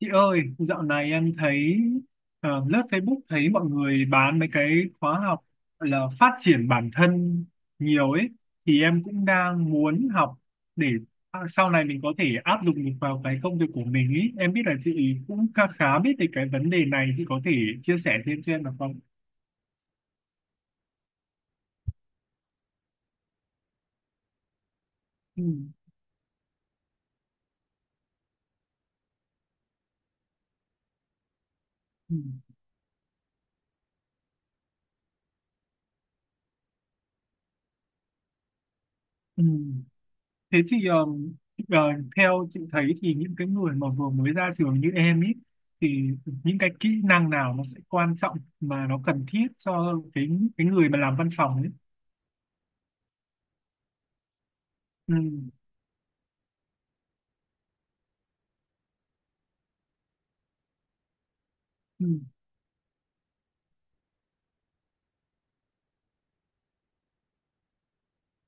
Chị ơi, dạo này em thấy lướt Facebook thấy mọi người bán mấy cái khóa học gọi là phát triển bản thân nhiều ấy, thì em cũng đang muốn học để sau này mình có thể áp dụng được vào cái công việc của mình ấy. Em biết là chị cũng khá khá biết về cái vấn đề này, chị có thể chia sẻ thêm cho em được không? Ừ. Ừ. Ừ. Thế thì ờ, theo chị thấy thì những cái người mà vừa mới ra trường như em ý thì những cái kỹ năng nào nó sẽ quan trọng mà nó cần thiết cho cái người mà làm văn phòng ấy. Ừ. Ừ.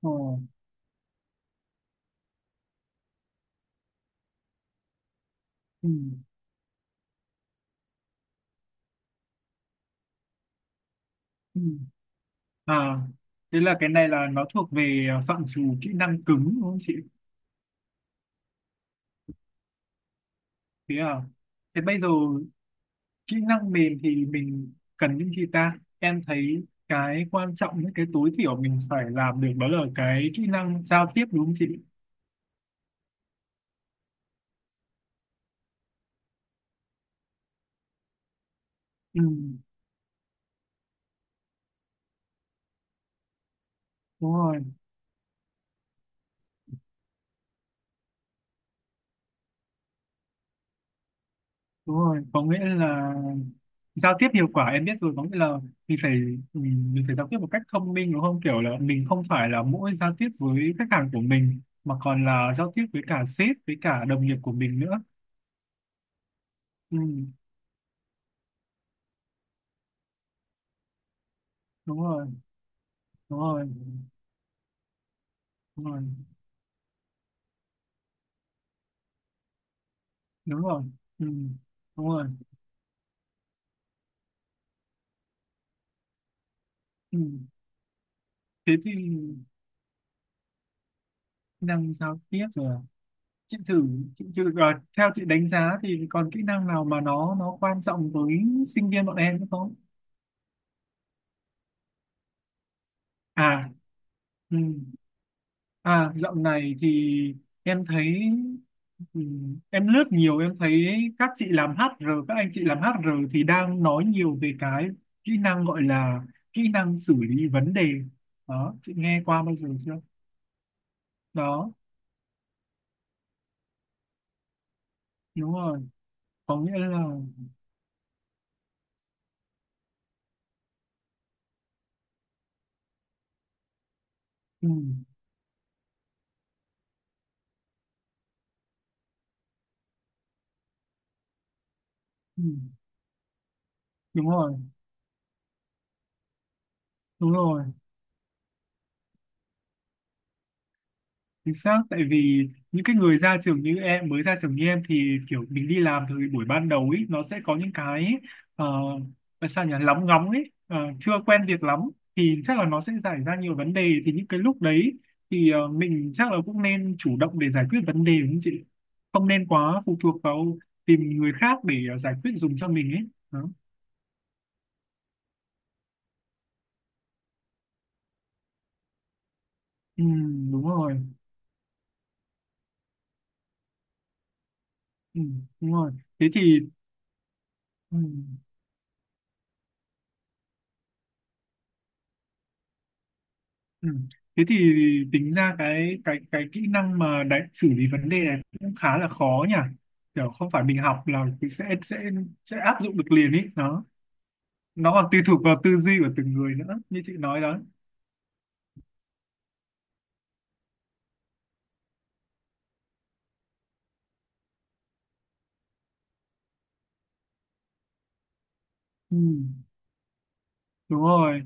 Ờ. Ừ. Ừ. À, thế là cái này là nó thuộc về phạm trù kỹ năng cứng đúng không chị? Thế à? Thế bây giờ kỹ năng mềm thì mình cần những gì ta? Em thấy cái quan trọng những cái tối thiểu mình phải làm được đó là cái kỹ năng giao tiếp đúng không chị? Ừ, đúng rồi, đúng rồi. Có nghĩa là giao tiếp hiệu quả em biết rồi. Có nghĩa là mình phải mình phải giao tiếp một cách thông minh đúng không? Kiểu là mình không phải là mỗi giao tiếp với khách hàng của mình mà còn là giao tiếp với cả sếp, với cả đồng nghiệp của mình nữa. Ừ, đúng rồi, đúng rồi, đúng rồi, đúng rồi. Ừ, đúng rồi. Ừ. Thế thì kỹ năng giao tiếp rồi. À? Chị thử, theo chị đánh giá thì còn kỹ năng nào mà nó quan trọng với sinh viên bọn em nữa không? À, ừ. À, dạo này thì em thấy ừ, em lướt nhiều em thấy các anh chị làm HR thì đang nói nhiều về cái kỹ năng gọi là kỹ năng xử lý vấn đề. Đó, chị nghe qua bao giờ chưa? Đó, đúng rồi. Có nghĩa là ừ, ừ, đúng rồi, đúng rồi. Chính xác, tại vì những cái người ra trường như em, mới ra trường như em thì kiểu mình đi làm từ buổi ban đầu ấy, nó sẽ có những cái ờ, là sao nhỉ, lóng ngóng ấy, chưa quen việc lắm thì chắc là nó sẽ xảy ra nhiều vấn đề, thì những cái lúc đấy thì mình chắc là cũng nên chủ động để giải quyết vấn đề đúng không chị? Không nên quá phụ thuộc vào tìm người khác để giải quyết dùng cho mình ấy. Đó. Ừ, đúng rồi. Ừ, đúng rồi. Thế thì ừ. Ừ. Thế thì tính ra cái kỹ năng mà đánh xử lý vấn đề này cũng khá là khó nhỉ, kiểu không phải mình học là mình sẽ áp dụng được liền ý, nó còn tùy thuộc vào tư duy của từng người nữa như chị nói đó. Ừ. Đúng rồi,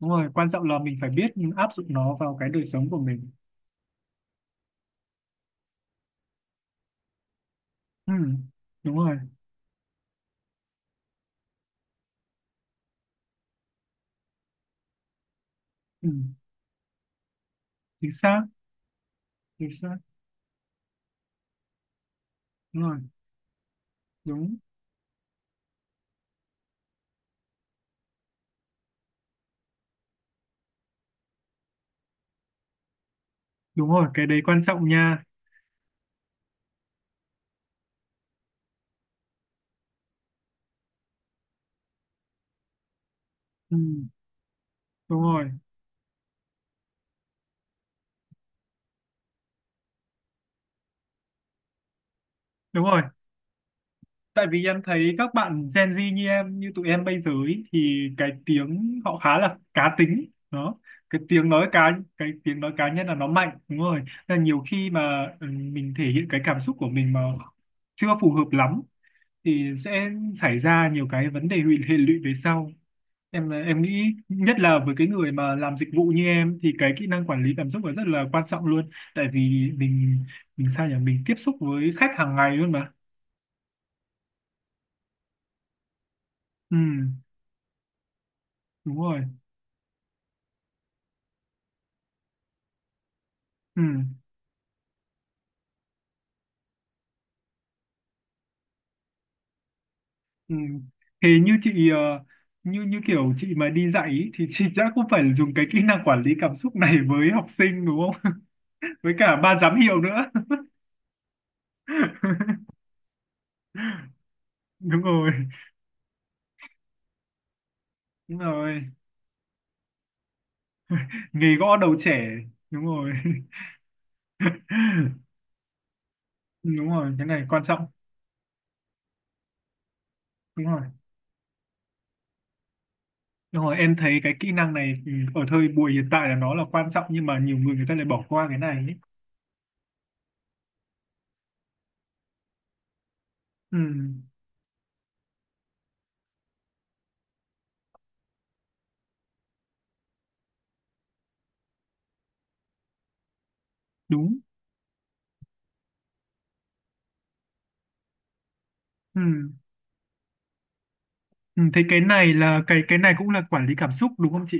đúng rồi, quan trọng là mình phải biết áp dụng nó vào cái đời sống của mình. Ừ. Đúng rồi. Ừ. Chính xác, chính xác. Đúng rồi. Đúng, đúng rồi, cái đấy quan trọng nha. Ừ. Đúng rồi, đúng rồi, tại vì em thấy các bạn Gen Z như em, như tụi em bây giờ ý, thì cái tiếng họ khá là cá tính đó. cái tiếng nói cá cái tiếng nói cá nhân là nó mạnh, đúng rồi. Nên là nhiều khi mà mình thể hiện cái cảm xúc của mình mà chưa phù hợp lắm thì sẽ xảy ra nhiều cái vấn đề hệ lụy về sau. Em nghĩ nhất là với cái người mà làm dịch vụ như em thì cái kỹ năng quản lý cảm xúc là rất là quan trọng luôn, tại vì mình sao nhỉ, mình tiếp xúc với khách hàng ngày luôn mà. Ừ, đúng rồi. Ừ, ừ. Thế như chị như như kiểu chị mà đi dạy ý, thì chị chắc cũng phải dùng cái kỹ năng quản lý cảm xúc này với học sinh đúng không? Với cả ban giám hiệu nữa. Đúng rồi. Đúng rồi. Nghề gõ đầu trẻ. Đúng rồi. Đúng rồi, cái này quan trọng. Đúng rồi. Đúng rồi, em thấy cái kỹ năng này ở thời buổi hiện tại là nó là quan trọng, nhưng mà nhiều người người ta lại bỏ qua cái này ấy. Ừ, đúng. Ừ. Ừ, thế cái này là cái này cũng là quản lý cảm xúc đúng không chị?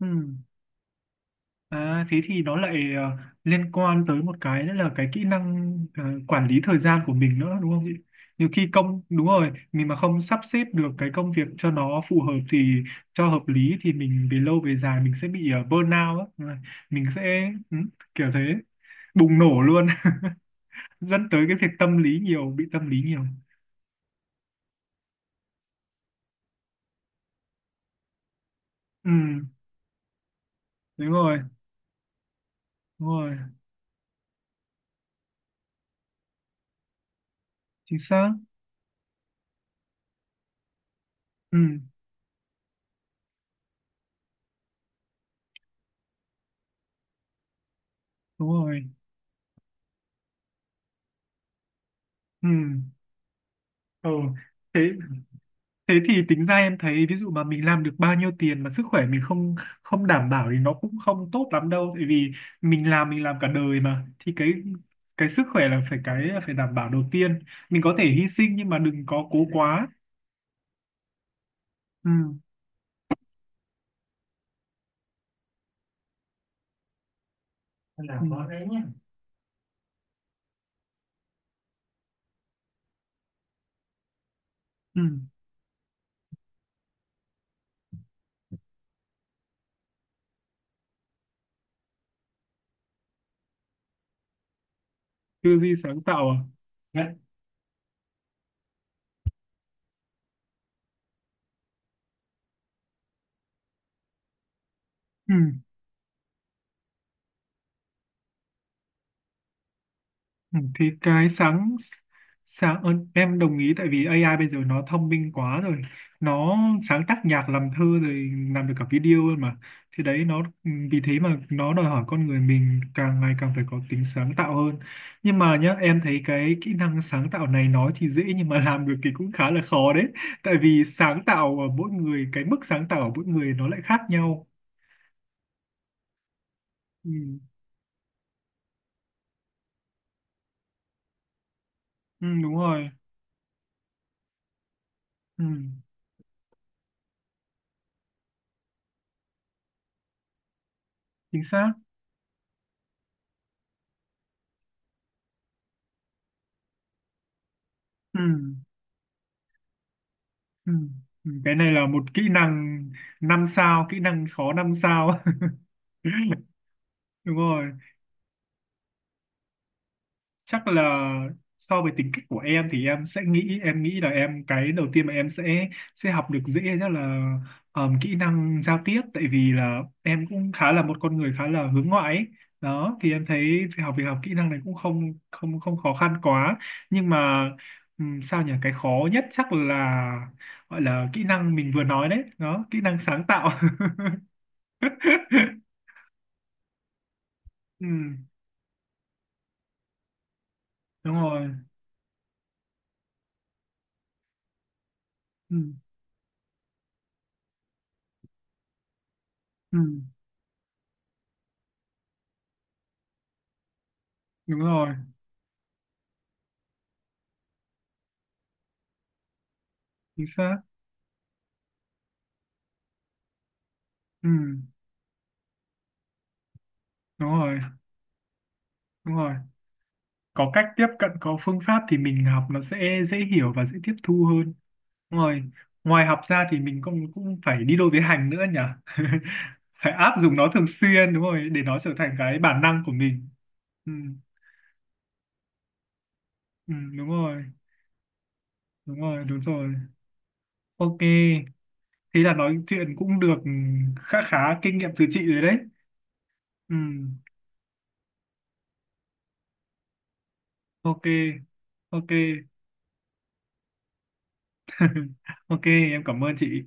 Ừ. À, thế thì nó lại liên quan tới một cái nữa là cái kỹ năng quản lý thời gian của mình nữa đúng không chị? Nhiều khi công Đúng rồi, mình mà không sắp xếp được cái công việc cho nó phù hợp thì cho hợp lý thì mình về lâu về dài mình sẽ bị burnout á, mình sẽ kiểu thế bùng nổ luôn, dẫn tới cái việc tâm lý nhiều, bị tâm lý nhiều. Ừ, đúng rồi, đúng rồi, chính xác. Ừ, đúng rồi. Ừ, ừ. Thế Thế thì tính ra em thấy ví dụ mà mình làm được bao nhiêu tiền mà sức khỏe mình không không đảm bảo thì nó cũng không tốt lắm đâu, tại vì mình làm cả đời mà, thì cái sức khỏe là phải đảm bảo đầu tiên, mình có thể hy sinh nhưng mà đừng có cố quá. Ừ. Nên. Ừ. Là có đấy nhá. Ừ. Tư duy sáng tạo à? Nhất. Ừ. Ừ, thì cái sáng sáng ơn, em đồng ý tại vì AI bây giờ nó thông minh quá rồi, nó sáng tác nhạc, làm thơ, rồi làm được cả video luôn mà, thì đấy nó vì thế mà nó đòi hỏi con người mình càng ngày càng phải có tính sáng tạo hơn. Nhưng mà nhá, em thấy cái kỹ năng sáng tạo này nói thì dễ nhưng mà làm được thì cũng khá là khó đấy, tại vì sáng tạo ở mỗi người cái mức sáng tạo ở mỗi người nó lại khác nhau. Ừ, ừ đúng rồi. Ừ, chính xác. Ừ. Ừ. Cái này là một kỹ năng năm sao, kỹ năng khó năm sao. Đúng rồi. Chắc là so với tính cách của em thì em sẽ nghĩ em nghĩ là cái đầu tiên mà sẽ học được dễ chắc là kỹ năng giao tiếp, tại vì là em cũng khá là một con người khá là hướng ngoại ấy. Đó thì em thấy việc học kỹ năng này cũng không không không khó khăn quá, nhưng mà sao nhỉ, cái khó nhất chắc là gọi là kỹ năng mình vừa nói đấy đó, kỹ năng sáng tạo. Ừ, đúng rồi. Ừ. Ừ, đúng rồi. Chính xác. Ừ. Đúng rồi. Đúng rồi, có cách tiếp cận, có phương pháp thì mình học nó sẽ dễ hiểu và dễ tiếp thu hơn. Đúng rồi. Ngoài học ra thì mình cũng cũng phải đi đôi với hành nữa nhỉ. Phải áp dụng nó thường xuyên, đúng rồi, để nó trở thành cái bản năng của mình. Ừ. Ừ, đúng rồi, đúng rồi, đúng rồi. Ok, thế là nói chuyện cũng được khá khá kinh nghiệm từ chị rồi đấy. Ừ. Ok. Ok. Ok, em cảm ơn chị.